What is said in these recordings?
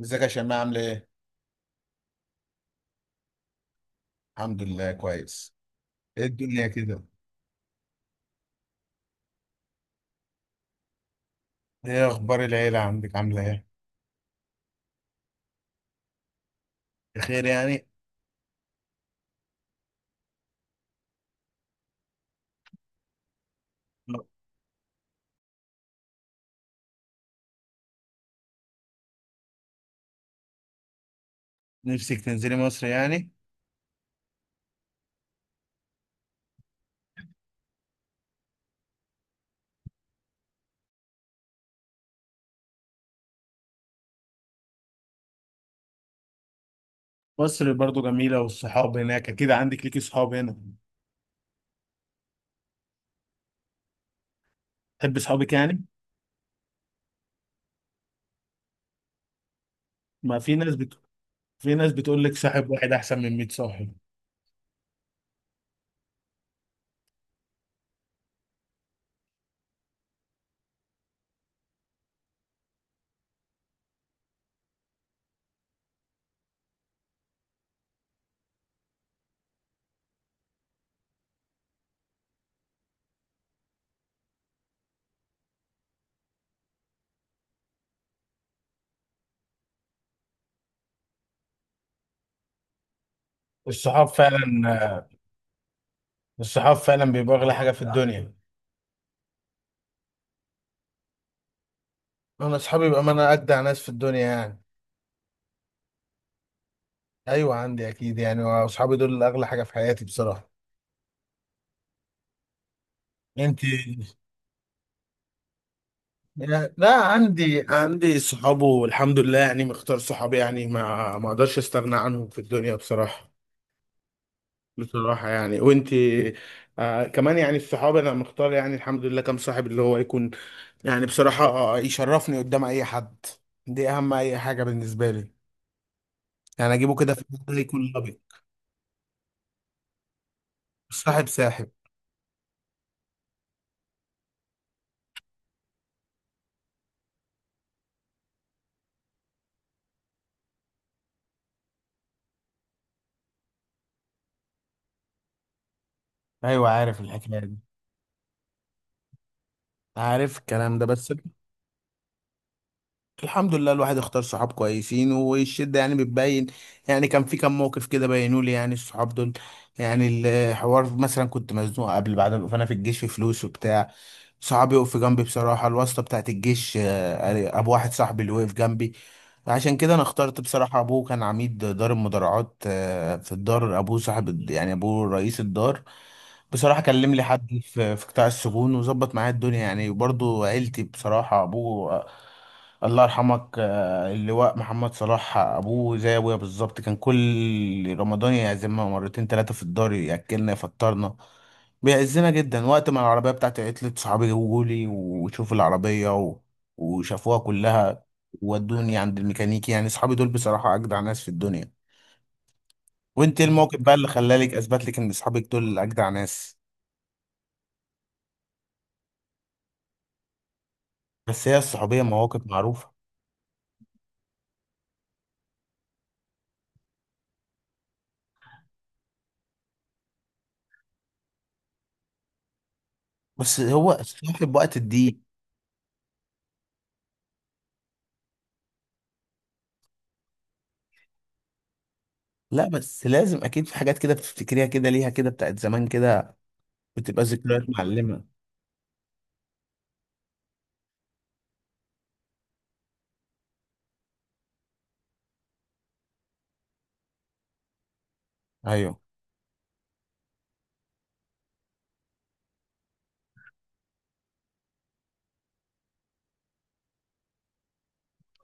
ازيك يا شيماء عاملة ايه؟ الحمد لله كويس. ايه الدنيا كده؟ ايه اخبار العيلة عندك عاملة ايه؟ بخير يعني؟ نفسك تنزلي مصر يعني؟ مصر برضو جميلة والصحاب هناك اكيد عندك ليكي صحاب هنا. تحب صحابك يعني؟ ما في ناس بت... في ناس بتقول لك صاحب واحد احسن من 100 صاحب. الصحاب فعلا. الصحاب فعلا بيبقى اغلى حاجة في الدنيا. انا اصحابي بقى، ما انا اجدع ناس في الدنيا يعني. ايوه عندي اكيد يعني، واصحابي دول اغلى حاجة في حياتي بصراحة. انت يعني، لا عندي، صحابه والحمد لله يعني، مختار صحابي يعني، ما اقدرش استغنى عنهم في الدنيا بصراحة. بصراحة يعني، وانتي؟ آه كمان يعني الصحاب انا مختار يعني الحمد لله، كم صاحب اللي هو يكون يعني بصراحة آه، يشرفني قدام اي حد. دي اهم اي حاجة بالنسبة لي. يعني اجيبه كده في الحتة يكون لبق. الصاحب ساحب. ايوه عارف الحكاية دي، عارف الكلام ده. بس الحمد لله الواحد اختار صحاب كويسين، والشدة يعني بتبين. يعني كان في كم موقف كده بينوا لي يعني الصحاب دول. يعني الحوار مثلا، كنت مزنوق قبل بعد، فانا في الجيش في فلوس وبتاع، صحابي يقف جنبي بصراحة. الواسطة بتاعت الجيش آه، ابو واحد صاحبي اللي وقف جنبي. عشان كده انا اخترت بصراحة. ابوه كان عميد دار المدرعات آه، في الدار ابوه صاحب، يعني ابوه رئيس الدار. بصراحة كلم لي حد في قطاع السجون وظبط معايا الدنيا يعني. وبرضه عيلتي بصراحة، ابوه آه، الله يرحمك آه، اللواء محمد صلاح، ابوه زي ابويا بالظبط. كان كل رمضان يعزمنا مرتين ثلاثة في الدار، ياكلنا يفطرنا، بيعزنا جدا. وقت ما العربية بتاعتي عطلت، صحابي جولي وشوفوا العربية وشافوها كلها، ودوني عند الميكانيكي. يعني اصحابي دول بصراحة اجدع ناس في الدنيا. وانت إيه، الموقف بقى اللي خلالك اثبت لك ان اصحابك دول اجدع ناس؟ بس هي الصحوبية مواقف معروفة. بس هو الصاحب وقت الضيق. لا بس لازم اكيد في حاجات كده بتفتكريها كده، ليها كده بتاعت زمان كده، بتبقى ذكريات معلمة. ايوه.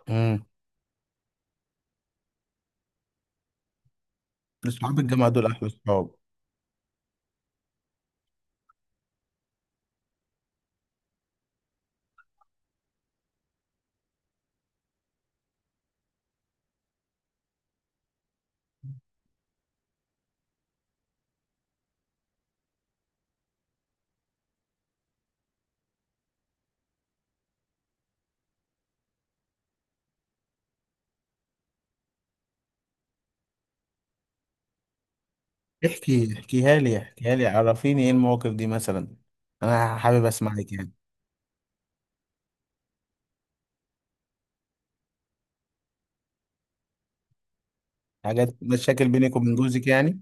امم. اصحاب الجامعة دول احلى اصحاب. احكي، احكيها لي، احكيها لي، عرفيني ايه المواقف دي مثلا. انا حابب اسمعك يعني. حاجات مشاكل بينك وبين جوزك يعني؟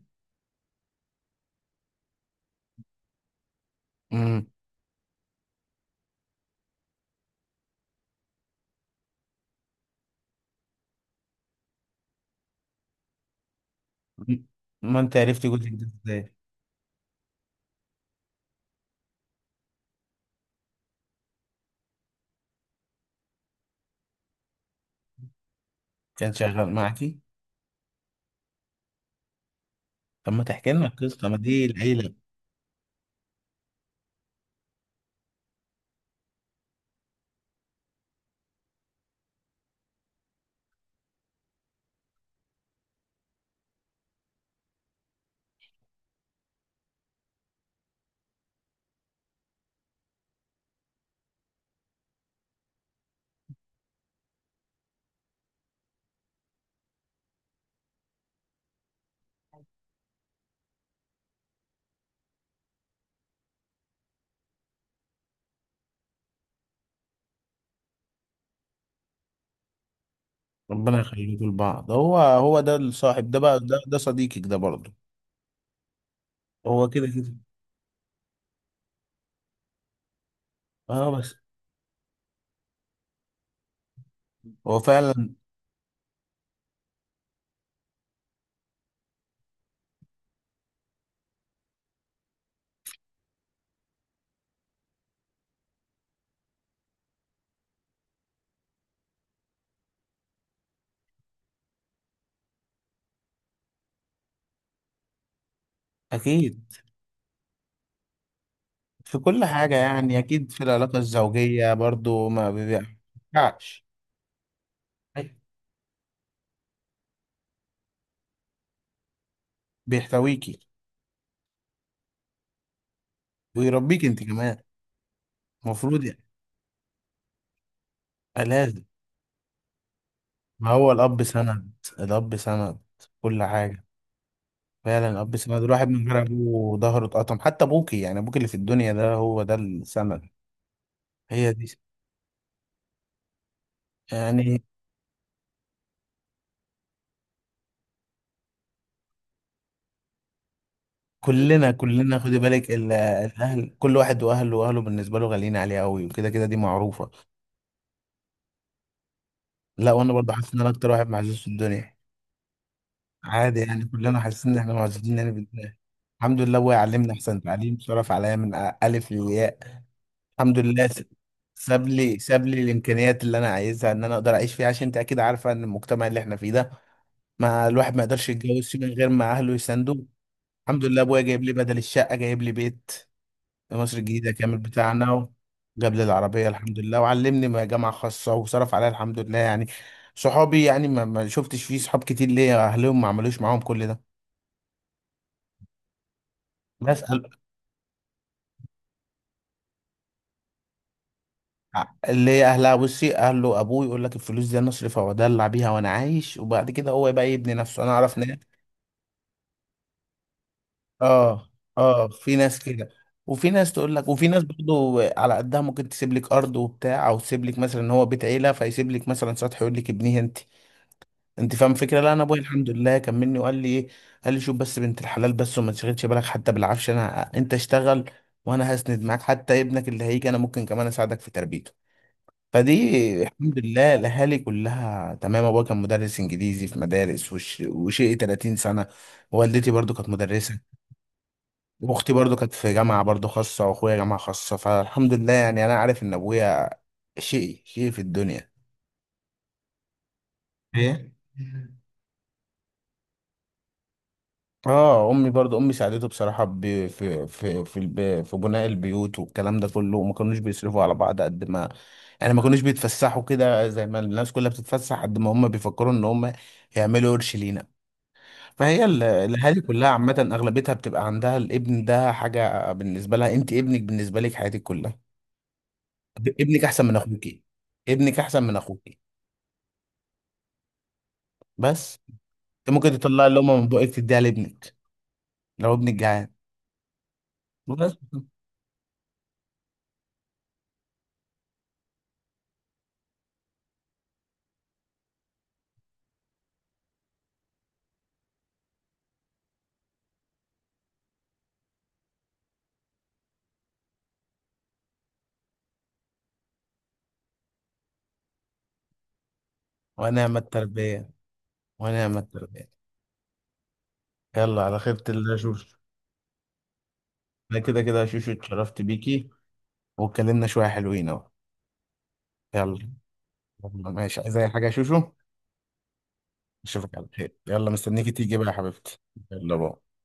امم. ما انت عرفت جوزك ده ازاي؟ كان شغال معاكي؟ طب ما تحكي لنا القصه، ما دي العيله. ربنا يخليكوا لبعض. هو ده الصاحب ده بقى، ده صديقك ده برضه. هو كده كده. اه بس هو فعلا. اكيد في كل حاجه يعني، اكيد في العلاقه الزوجيه برضه ما بيبيعش. بيحتويكي ويربيك انت كمان، المفروض يعني. آه، لازم. ما هو الاب سند، الاب سند كل حاجه. فعلا الاب سند. الواحد من غير ابوه ظهره اتقطم. حتى ابوكي يعني، ابوك اللي في الدنيا ده هو ده السند. هي دي يعني. كلنا كلنا، خدي بالك الاهل كل واحد واهله، واهله بالنسبه له غاليين عليه قوي، وكده كده دي معروفه. لا وانا برضه حاسس ان انا اكتر واحد معزوز في الدنيا. عادي يعني، كلنا حاسين ان احنا معزوزين يعني في الدنيا. الحمد لله ابويا علمني احسن تعليم، صرف عليا من الف للياء. الحمد لله ساب لي، ساب لي الامكانيات اللي انا عايزها ان انا اقدر اعيش فيها. عشان انت اكيد عارفه ان المجتمع اللي احنا فيه ده، ما الواحد ما يقدرش يتجوز من غير ما اهله يساندوه. الحمد لله ابويا جايب لي بدل الشقه جايب لي بيت في مصر الجديده كامل بتاعنا، وجاب لي العربيه الحمد لله، وعلمني ما جامعه خاصه، وصرف عليا الحمد لله يعني. صحابي يعني ما شفتش فيه صحاب كتير ليا اهلهم ما عملوش معاهم كل ده. بسأل، اللي هي اهلها، بصي اهله ابوه يقول لك الفلوس دي انا اصرفها وادلع بيها وانا عايش، وبعد كده هو بقى يبني نفسه. انا اعرف ناس. اه. اه في ناس كده. وفي ناس تقول لك، وفي ناس برضو على قدها ممكن تسيب لك ارض وبتاع، او تسيب لك مثلا ان هو بيت عيله فيسيب لك مثلا سطح يقول لك ابنيه انت. انت فاهم الفكره. لا انا ابويا الحمد لله كملني وقال لي ايه، قال لي شوف بس بنت الحلال بس، وما تشغلش بالك حتى بالعفش، انا انت اشتغل وانا هسند معاك. حتى ابنك اللي هيجي انا ممكن كمان اساعدك في تربيته. فدي الحمد لله الاهالي كلها تمام. ابويا كان مدرس انجليزي في مدارس وشيء 30 سنه. والدتي برضو كانت مدرسه، واختي برضو كانت في جامعة برضو خاصة، واخويا جامعة خاصة. فالحمد لله يعني انا عارف ان ابويا شقي في الدنيا. ايه؟ اه امي برضو، امي ساعدته بصراحة في في بناء البيوت والكلام ده كله. وما كانوش بيصرفوا على بعض قد ما يعني، ما كانوش بيتفسحوا كده زي ما الناس كلها بتتفسح، قد ما هم بيفكروا ان هم يعملوا قرش لينا. فهي الاهالي كلها عامة اغلبيتها بتبقى عندها الابن ده حاجة بالنسبة لها. انت ابنك بالنسبة لك حياتك كلها. ابنك احسن من اخوكي. ابنك احسن من اخوكي. بس انت ممكن تطلع اللقمه من بقك تديها لابنك لو ابنك جعان. بس ونعم التربيه، ونعم التربيه. يلا على خيرة الله يا شوشو. انا كده كده يا شوشو اتشرفت بيكي، واتكلمنا شويه حلوين اهو. يلا. يلا ماشي، عايز اي حاجه يا شوشو؟ اشوفك على خير، يلا مستنيكي تيجي بقى يا حبيبتي. يلا بقى.